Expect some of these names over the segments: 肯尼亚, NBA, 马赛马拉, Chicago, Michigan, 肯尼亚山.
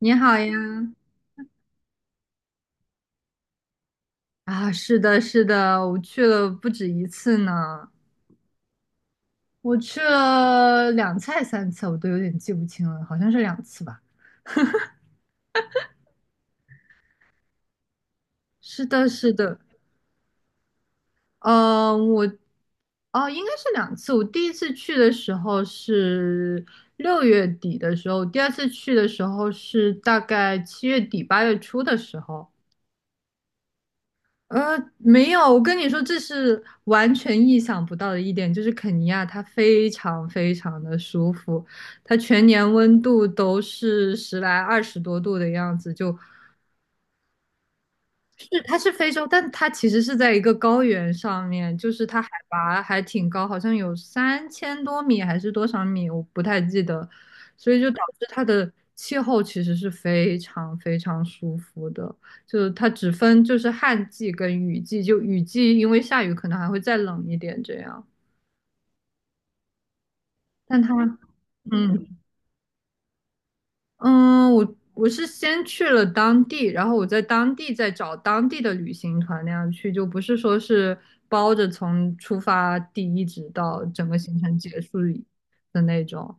你好呀，啊，是的，是的，我去了不止一次呢，我去了两次还是3次，我都有点记不清了，好像是两次吧。是的，是的，呃，我，哦，应该是两次。我第一次去的时候是6月底的时候，第二次去的时候是大概7月底8月初的时候。没有，我跟你说，这是完全意想不到的一点，就是肯尼亚它非常非常的舒服，它全年温度都是十来二十多度的样子，就是，它是非洲，但它其实是在一个高原上面，就是它海拔还挺高，好像有3000多米还是多少米，我不太记得，所以就导致它的气候其实是非常非常舒服的，就是它只分就是旱季跟雨季，就雨季因为下雨可能还会再冷一点这样，但它嗯嗯，我是先去了当地，然后我在当地再找当地的旅行团那样去，就不是说是包着从出发地一直到整个行程结束的那种。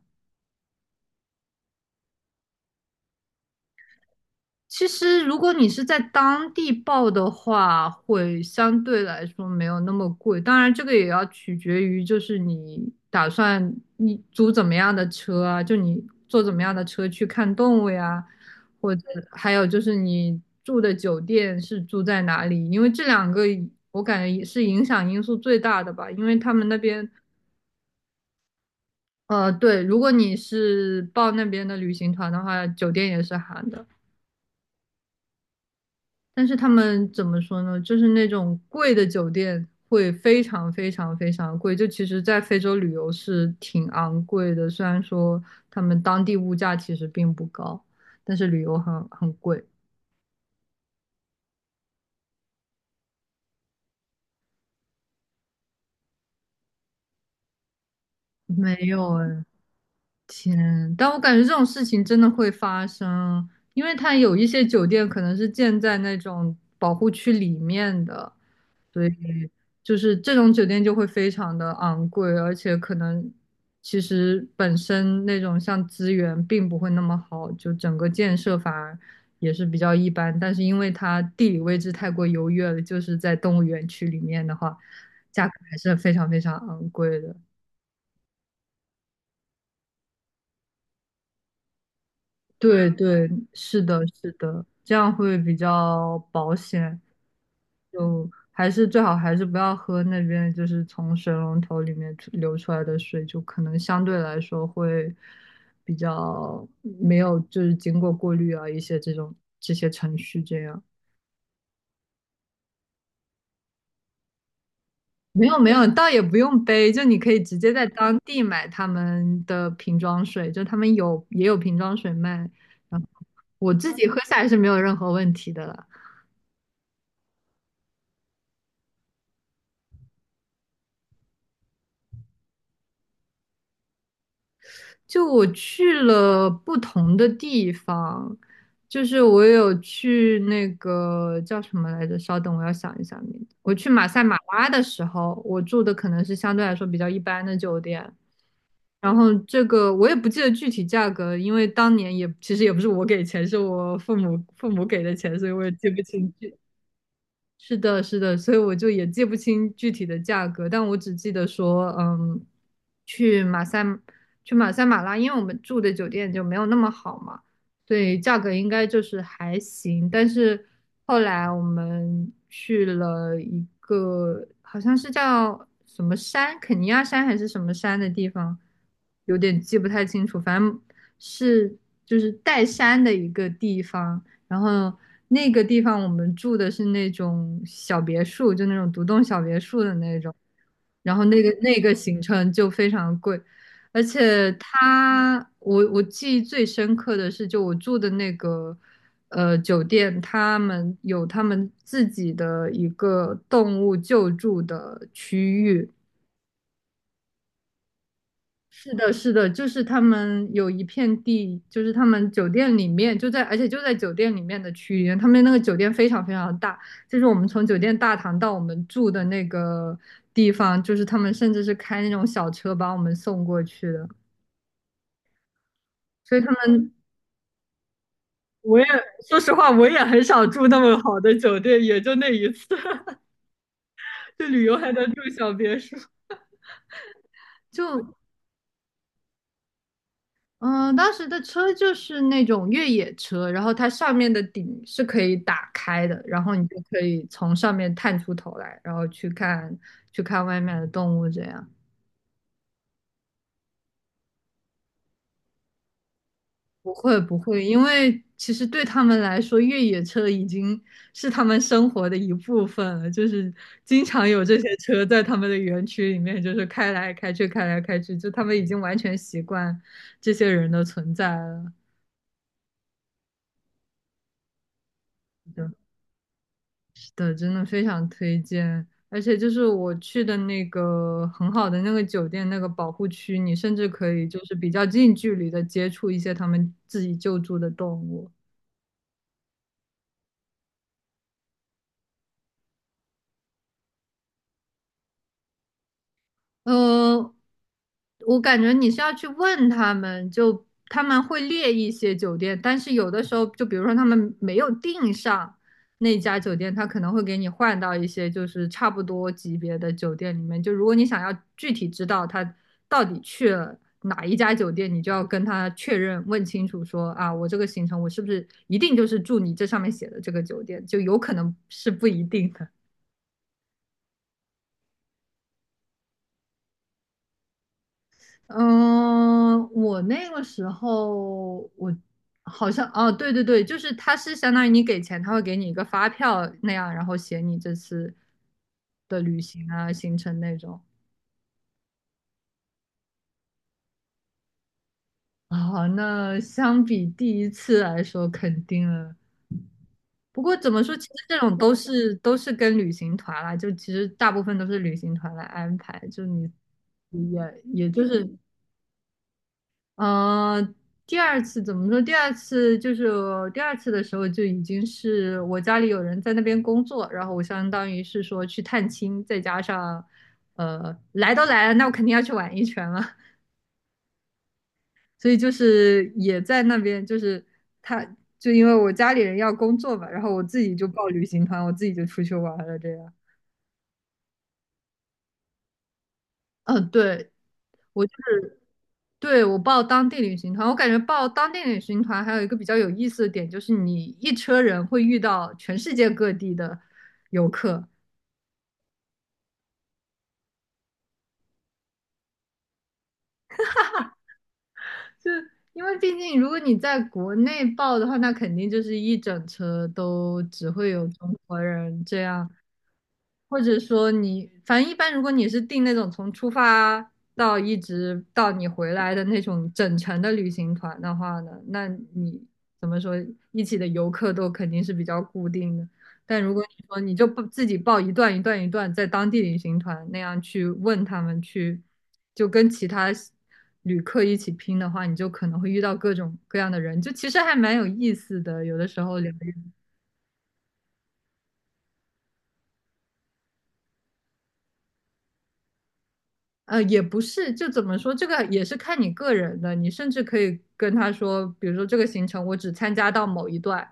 其实如果你是在当地报的话，会相对来说没有那么贵。当然，这个也要取决于就是你打算你租怎么样的车啊，就你坐怎么样的车去看动物呀。或者还有就是你住的酒店是住在哪里？因为这两个我感觉也是影响因素最大的吧，因为他们那边，对，如果你是报那边的旅行团的话，酒店也是含的，但是他们怎么说呢？就是那种贵的酒店会非常非常非常贵，就其实在非洲旅游是挺昂贵的，虽然说他们当地物价其实并不高，但是旅游很贵。没有哎，天，但我感觉这种事情真的会发生，因为它有一些酒店可能是建在那种保护区里面的，所以就是这种酒店就会非常的昂贵，而且可能其实本身那种像资源并不会那么好，就整个建设反而也是比较一般，但是因为它地理位置太过优越了，就是在动物园区里面的话，价格还是非常非常昂贵的。对对，是的，是的，这样会比较保险。就还是最好还是不要喝那边就是从水龙头里面流出来的水，就可能相对来说会比较没有就是经过过滤啊一些这些程序这样。没有没有，倒也不用杯，就你可以直接在当地买他们的瓶装水，就他们有也有瓶装水卖。然后我自己喝下来是没有任何问题的了。就我去了不同的地方，就是我有去那个叫什么来着？稍等，我要想一下名字。我去马赛马拉的时候，我住的可能是相对来说比较一般的酒店，然后这个我也不记得具体价格，因为当年也其实也不是我给钱，是我父母给的钱，所以我也记不清楚。是的，是的，所以我就也记不清具体的价格，但我只记得说，嗯，去马赛去马赛马拉，因为我们住的酒店就没有那么好嘛，所以价格应该就是还行。但是后来我们去了一个好像是叫什么山，肯尼亚山还是什么山的地方，有点记不太清楚，反正是就是带山的一个地方。然后那个地方我们住的是那种小别墅，就那种独栋小别墅的那种。然后那个行程就非常贵，而且我记忆最深刻的是，就我住的那个酒店，他们有他们自己的一个动物救助的区域，是的，是的，就是他们有一片地，就是他们酒店里面就在，而且就在酒店里面的区域，他们那个酒店非常非常大，就是我们从酒店大堂到我们住的那个地方，就是他们甚至是开那种小车把我们送过去的，所以他们我也说实话，我也很少住那么好的酒店，也就那一次，就旅游还能住小别墅，就。嗯，当时的车就是那种越野车，然后它上面的顶是可以打开的，然后你就可以从上面探出头来，然后去看外面的动物这样。不会不会，因为其实对他们来说，越野车已经是他们生活的一部分了，就是经常有这些车在他们的园区里面，就是开来开去，开来开去，就他们已经完全习惯这些人的存在了。是的，真的非常推荐。而且就是我去的那个很好的那个酒店，那个保护区，你甚至可以就是比较近距离的接触一些他们自己救助的动物。呃，我感觉你是要去问他们，就他们会列一些酒店，但是有的时候，就比如说他们没有订上那家酒店，他可能会给你换到一些就是差不多级别的酒店里面。就如果你想要具体知道他到底去了哪一家酒店，你就要跟他确认，问清楚说啊，我这个行程我是不是一定就是住你这上面写的这个酒店，就有可能是不一定的。嗯，我那个时候我好像哦，对对对，就是他是相当于你给钱，他会给你一个发票那样，然后写你这次的旅行啊、行程那种。啊、那相比第一次来说，肯定了。不过怎么说，其实这种都是跟旅行团啦，就其实大部分都是旅行团来安排，就你也就是嗯，第二次怎么说？第二次就是我第二次的时候就已经是我家里有人在那边工作，然后我相当于是说去探亲，再加上来都来了，那我肯定要去玩一圈了，所以就是也在那边，就是他就因为我家里人要工作嘛，然后我自己就报旅行团，我自己就出去玩了这样。嗯，对，我就是。对，我报当地旅行团，我感觉报当地旅行团还有一个比较有意思的点，就是你一车人会遇到全世界各地的游客，就因为毕竟如果你在国内报的话，那肯定就是一整车都只会有中国人这样，或者说你反正一般如果你是订那种从出发到一直到你回来的那种整程的旅行团的话呢，那你怎么说一起的游客都肯定是比较固定的。但如果你说你就不自己报一段一段一段，在当地旅行团那样去问他们去，就跟其他旅客一起拼的话，你就可能会遇到各种各样的人，就其实还蛮有意思的。有的时候聊一，也不是，就怎么说，这个也是看你个人的。你甚至可以跟他说，比如说这个行程我只参加到某一段，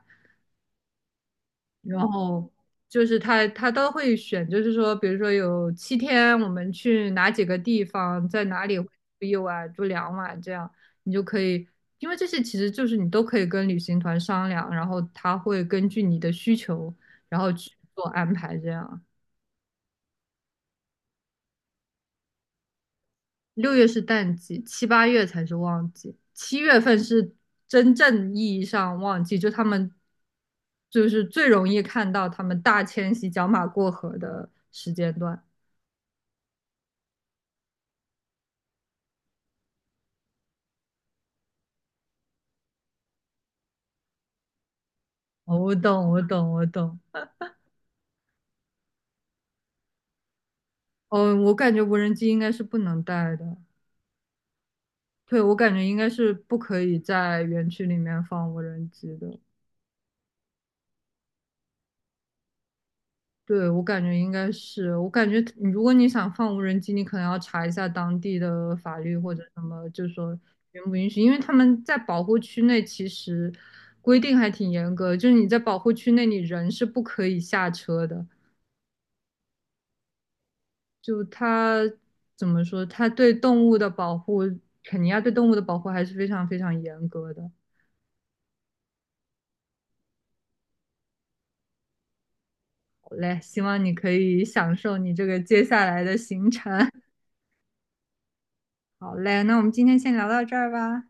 然后就是他都会选，就是说，比如说有7天，我们去哪几个地方，在哪里会住1晚、住2晚，这样你就可以，因为这些其实就是你都可以跟旅行团商量，然后他会根据你的需求，然后去做安排。这样，六月是淡季，七八月才是旺季，7月份是真正意义上旺季，就他们就是最容易看到他们大迁徙、角马过河的时间段。哦我懂，我懂，我懂。哦，我感觉无人机应该是不能带的。对，我感觉应该是不可以在园区里面放无人机的。对，我感觉应该是，我感觉你如果你想放无人机，你可能要查一下当地的法律或者什么，就是说允不允许，因为他们在保护区内其实规定还挺严格，就是你在保护区内你人是不可以下车的。就它怎么说，它对动物的保护，肯尼亚对动物的保护还是非常非常严格的。好嘞，希望你可以享受你这个接下来的行程。好嘞，那我们今天先聊到这儿吧，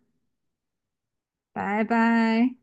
拜拜。